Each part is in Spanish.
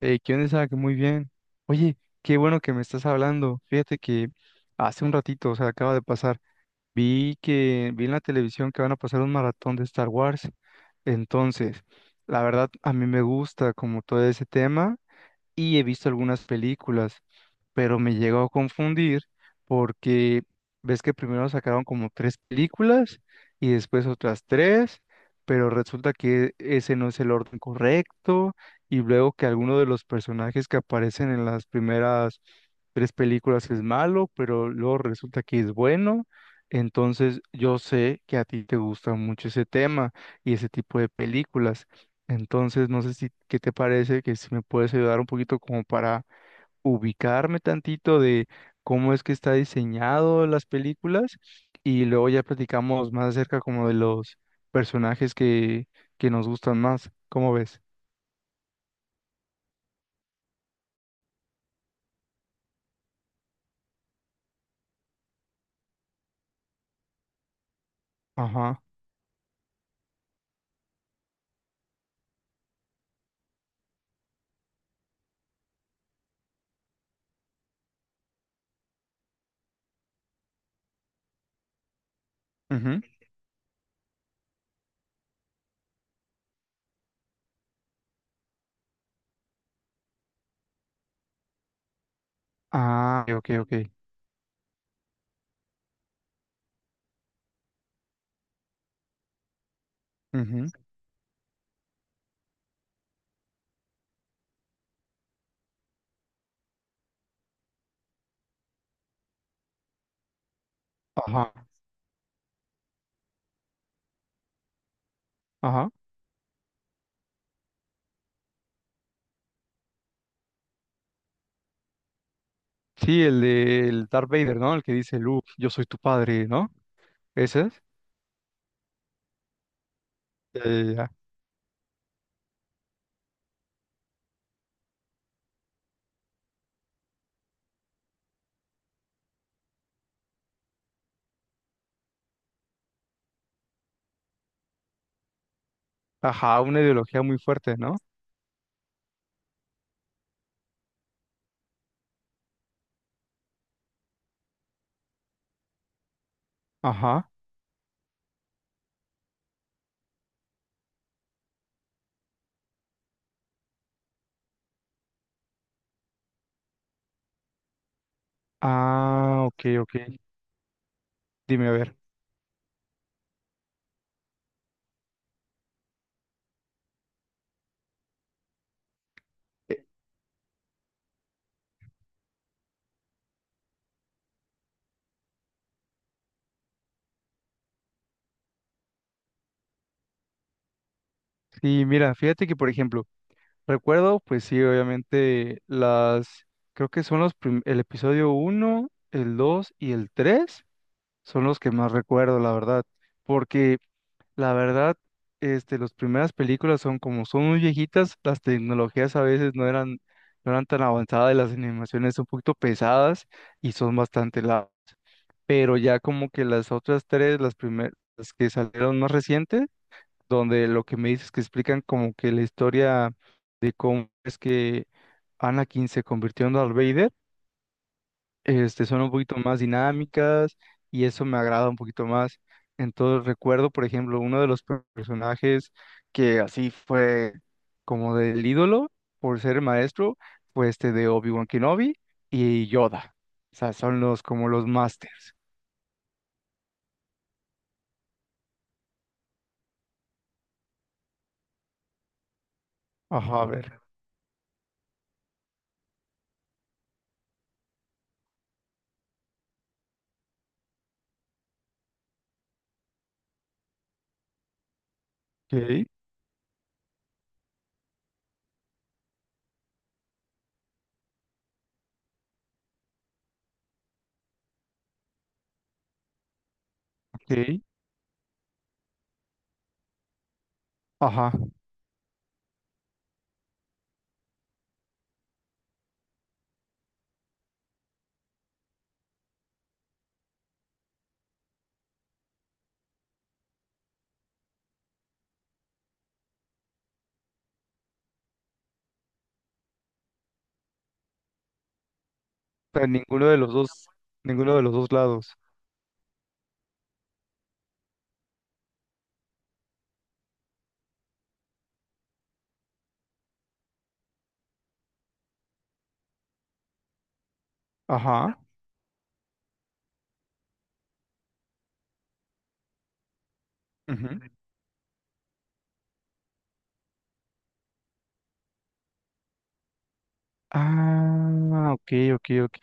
¿Qué onda, Isaac? Muy bien. Oye, qué bueno que me estás hablando. Fíjate que hace un ratito, o sea, acaba de pasar, vi en la televisión que van a pasar un maratón de Star Wars. Entonces, la verdad, a mí me gusta como todo ese tema y he visto algunas películas, pero me llegó a confundir porque ves que primero sacaron como tres películas y después otras tres, pero resulta que ese no es el orden correcto y luego que alguno de los personajes que aparecen en las primeras tres películas es malo, pero luego resulta que es bueno. Entonces yo sé que a ti te gusta mucho ese tema y ese tipo de películas. Entonces, no sé si, ¿qué te parece? Que si me puedes ayudar un poquito como para ubicarme tantito de cómo es que está diseñado las películas y luego ya platicamos más acerca como de los personajes que nos gustan más. ¿Cómo ves? Ajá. Ujú. Ah, ok, ok. Ujú. Ajá, ajá. Sí, el de el Darth Vader, ¿no? El que dice, Luke, yo soy tu padre, ¿no? ¿Ese es? Ya, ya, ya. Ajá, una ideología muy fuerte, ¿no? Ajá. Ah, ok, ok. Dime, a ver. Eh, Sí, mira, fíjate que, por ejemplo, recuerdo, pues sí, obviamente, las, creo que son los, el episodio uno el 2 y el 3 son los que más recuerdo, la verdad, porque la verdad, las primeras películas son como son muy viejitas, las tecnologías a veces no eran tan avanzadas y las animaciones son un poquito pesadas y son bastante largas, pero ya como que las otras tres, las primeras, las que salieron más recientes, donde lo que me dices que explican como que la historia de cómo es que Anakin se convirtió en Darth Vader, son un poquito más dinámicas y eso me agrada un poquito más. Entonces recuerdo, por ejemplo, uno de los personajes que así fue como del ídolo por ser maestro, fue este de Obi-Wan Kenobi y Yoda. O sea, son los como los masters. Ajá, a ver. Ok, ok. Ajá. Pero ninguno de los dos, ninguno de los dos lados. Ajá. Ujú. Ah, ok, ok, ok.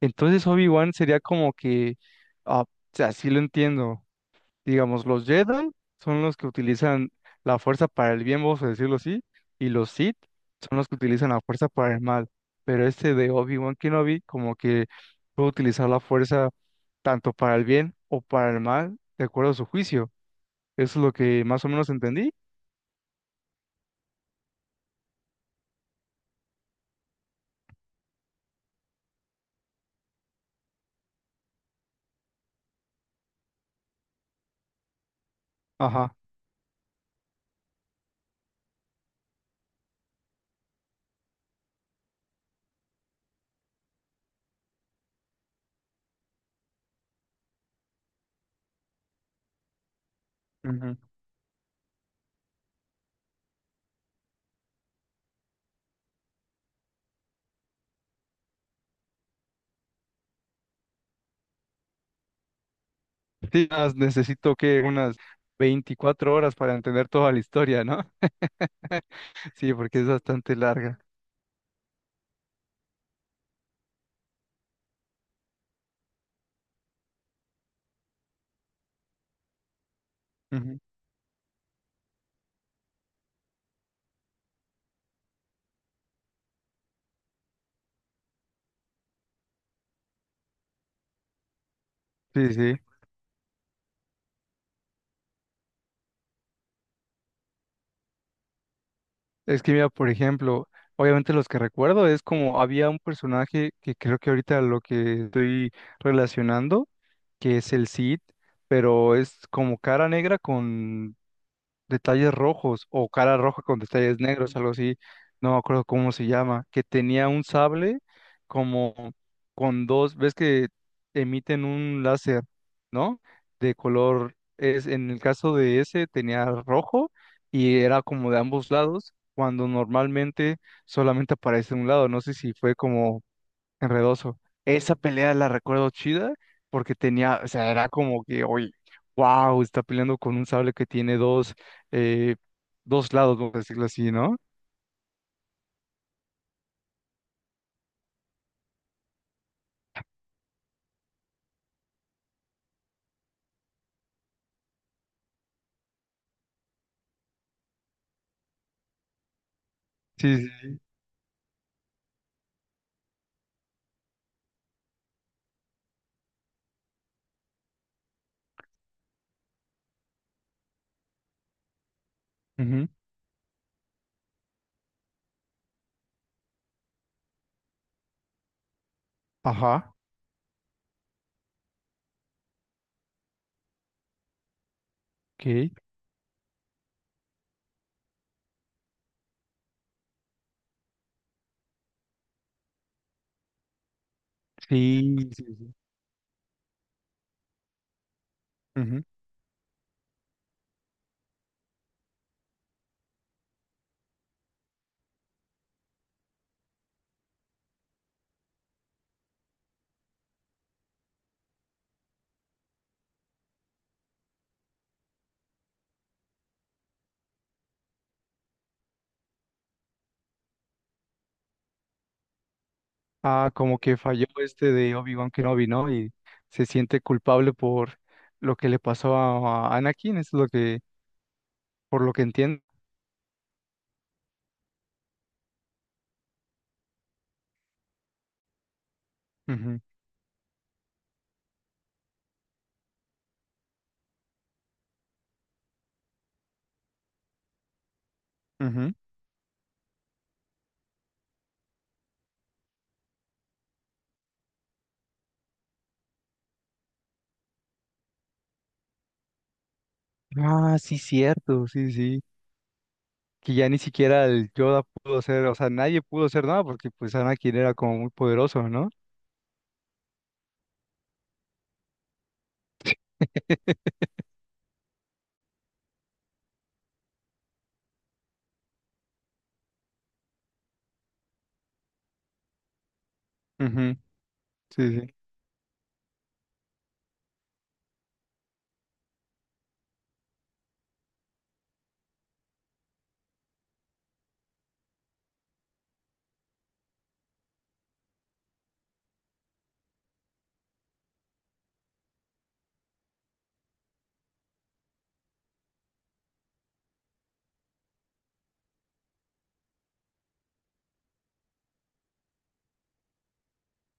Entonces Obi-Wan sería como que, ah, o sea, así lo entiendo. Digamos, los Jedi son los que utilizan la fuerza para el bien, vamos a decirlo así, y los Sith son los que utilizan la fuerza para el mal. Pero este de Obi-Wan Kenobi como que puede utilizar la fuerza tanto para el bien o para el mal, de acuerdo a su juicio. Eso es lo que más o menos entendí. Ajá. Sí, más necesito que unas 24 horas para entender toda la historia, ¿no? Sí, porque es bastante larga. Ujú. Sí, sí. Es que mira, por ejemplo, obviamente los que recuerdo es como había un personaje que creo que ahorita lo que estoy relacionando, que es el Cid, pero es como cara negra con detalles rojos o cara roja con detalles negros, algo así, no me acuerdo cómo se llama, que tenía un sable como con dos, ves que emiten un láser, ¿no? De color, es, en el caso de ese tenía rojo y era como de ambos lados, cuando normalmente solamente aparece un lado, no sé si fue como enredoso. Esa pelea la recuerdo chida porque tenía, o sea, era como que, oye, wow, está peleando con un sable que tiene dos, eh, dos lados, vamos a decirlo así, ¿no? Sí, sí, sí. Ujú. Ajá, ok. Sí, sí, sí. Ujú. Ah, como que falló este de Obi-Wan Kenobi, ¿no? Y se siente culpable por lo que le pasó a Anakin, eso es lo que, por lo que entiendo. Ujú, ujú. Ah, sí, cierto, sí, sí. Que ya ni siquiera el Yoda pudo hacer, o sea, nadie pudo hacer nada porque pues Anakin era como muy poderoso, ¿no? Ujú. Sí, sí.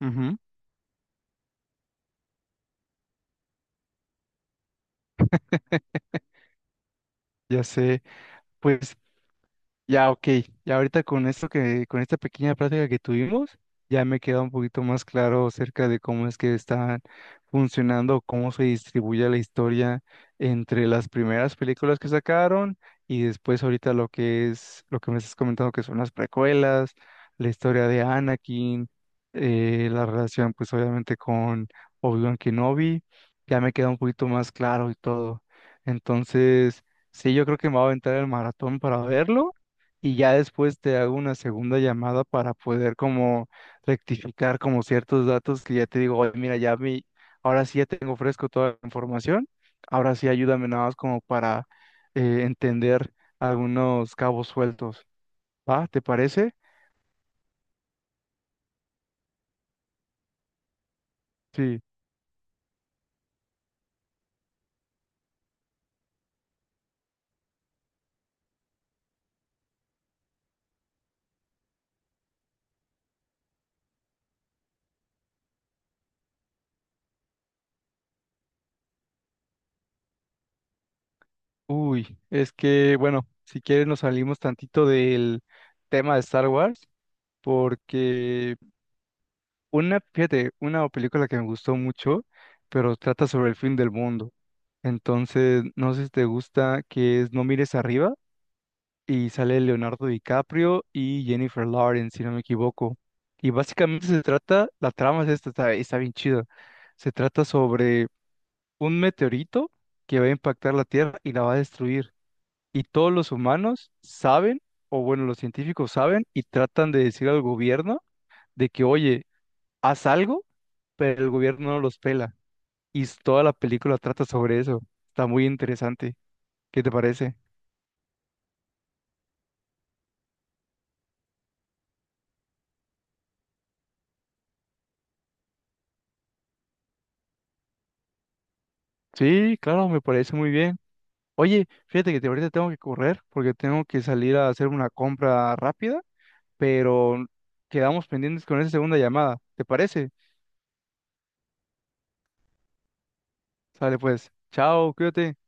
Ujú. Ya sé. Pues ya, ok. Ya ahorita con esto que, con esta pequeña práctica que tuvimos, ya me queda un poquito más claro acerca de cómo es que están funcionando, cómo se distribuye la historia entre las primeras películas que sacaron y después ahorita lo que es, lo que me estás comentando que son las precuelas, la historia de Anakin, la relación pues obviamente con Obi-Wan Kenobi, ya me queda un poquito más claro y todo. Entonces, sí, yo creo que me voy a aventar el maratón para verlo y ya después te hago una segunda llamada para poder como rectificar como ciertos datos que ya te digo, oye, mira, ya mi, ahora sí ya tengo fresco toda la información, ahora sí ayúdame nada más como para entender algunos cabos sueltos, ¿va? ¿Te parece? Sí. Uy, es que, bueno, si quieres nos salimos tantito del tema de Star Wars, porque una, fíjate, una película que me gustó mucho, pero trata sobre el fin del mundo. Entonces, no sé si te gusta, que es No mires arriba y sale Leonardo DiCaprio y Jennifer Lawrence, si no me equivoco. Y básicamente se trata, la trama es esta, está, está bien chida. Se trata sobre un meteorito que va a impactar la Tierra y la va a destruir. Y todos los humanos saben, o bueno, los científicos saben y tratan de decir al gobierno de que, oye, haz algo pero el gobierno no los pela. Y toda la película trata sobre eso. Está muy interesante. ¿Qué te parece? Sí, claro, me parece muy bien. Oye, fíjate que ahorita tengo que correr porque tengo que salir a hacer una compra rápida, pero quedamos pendientes con esa segunda llamada. ¿Te parece? Sale pues. Chao, cuídate.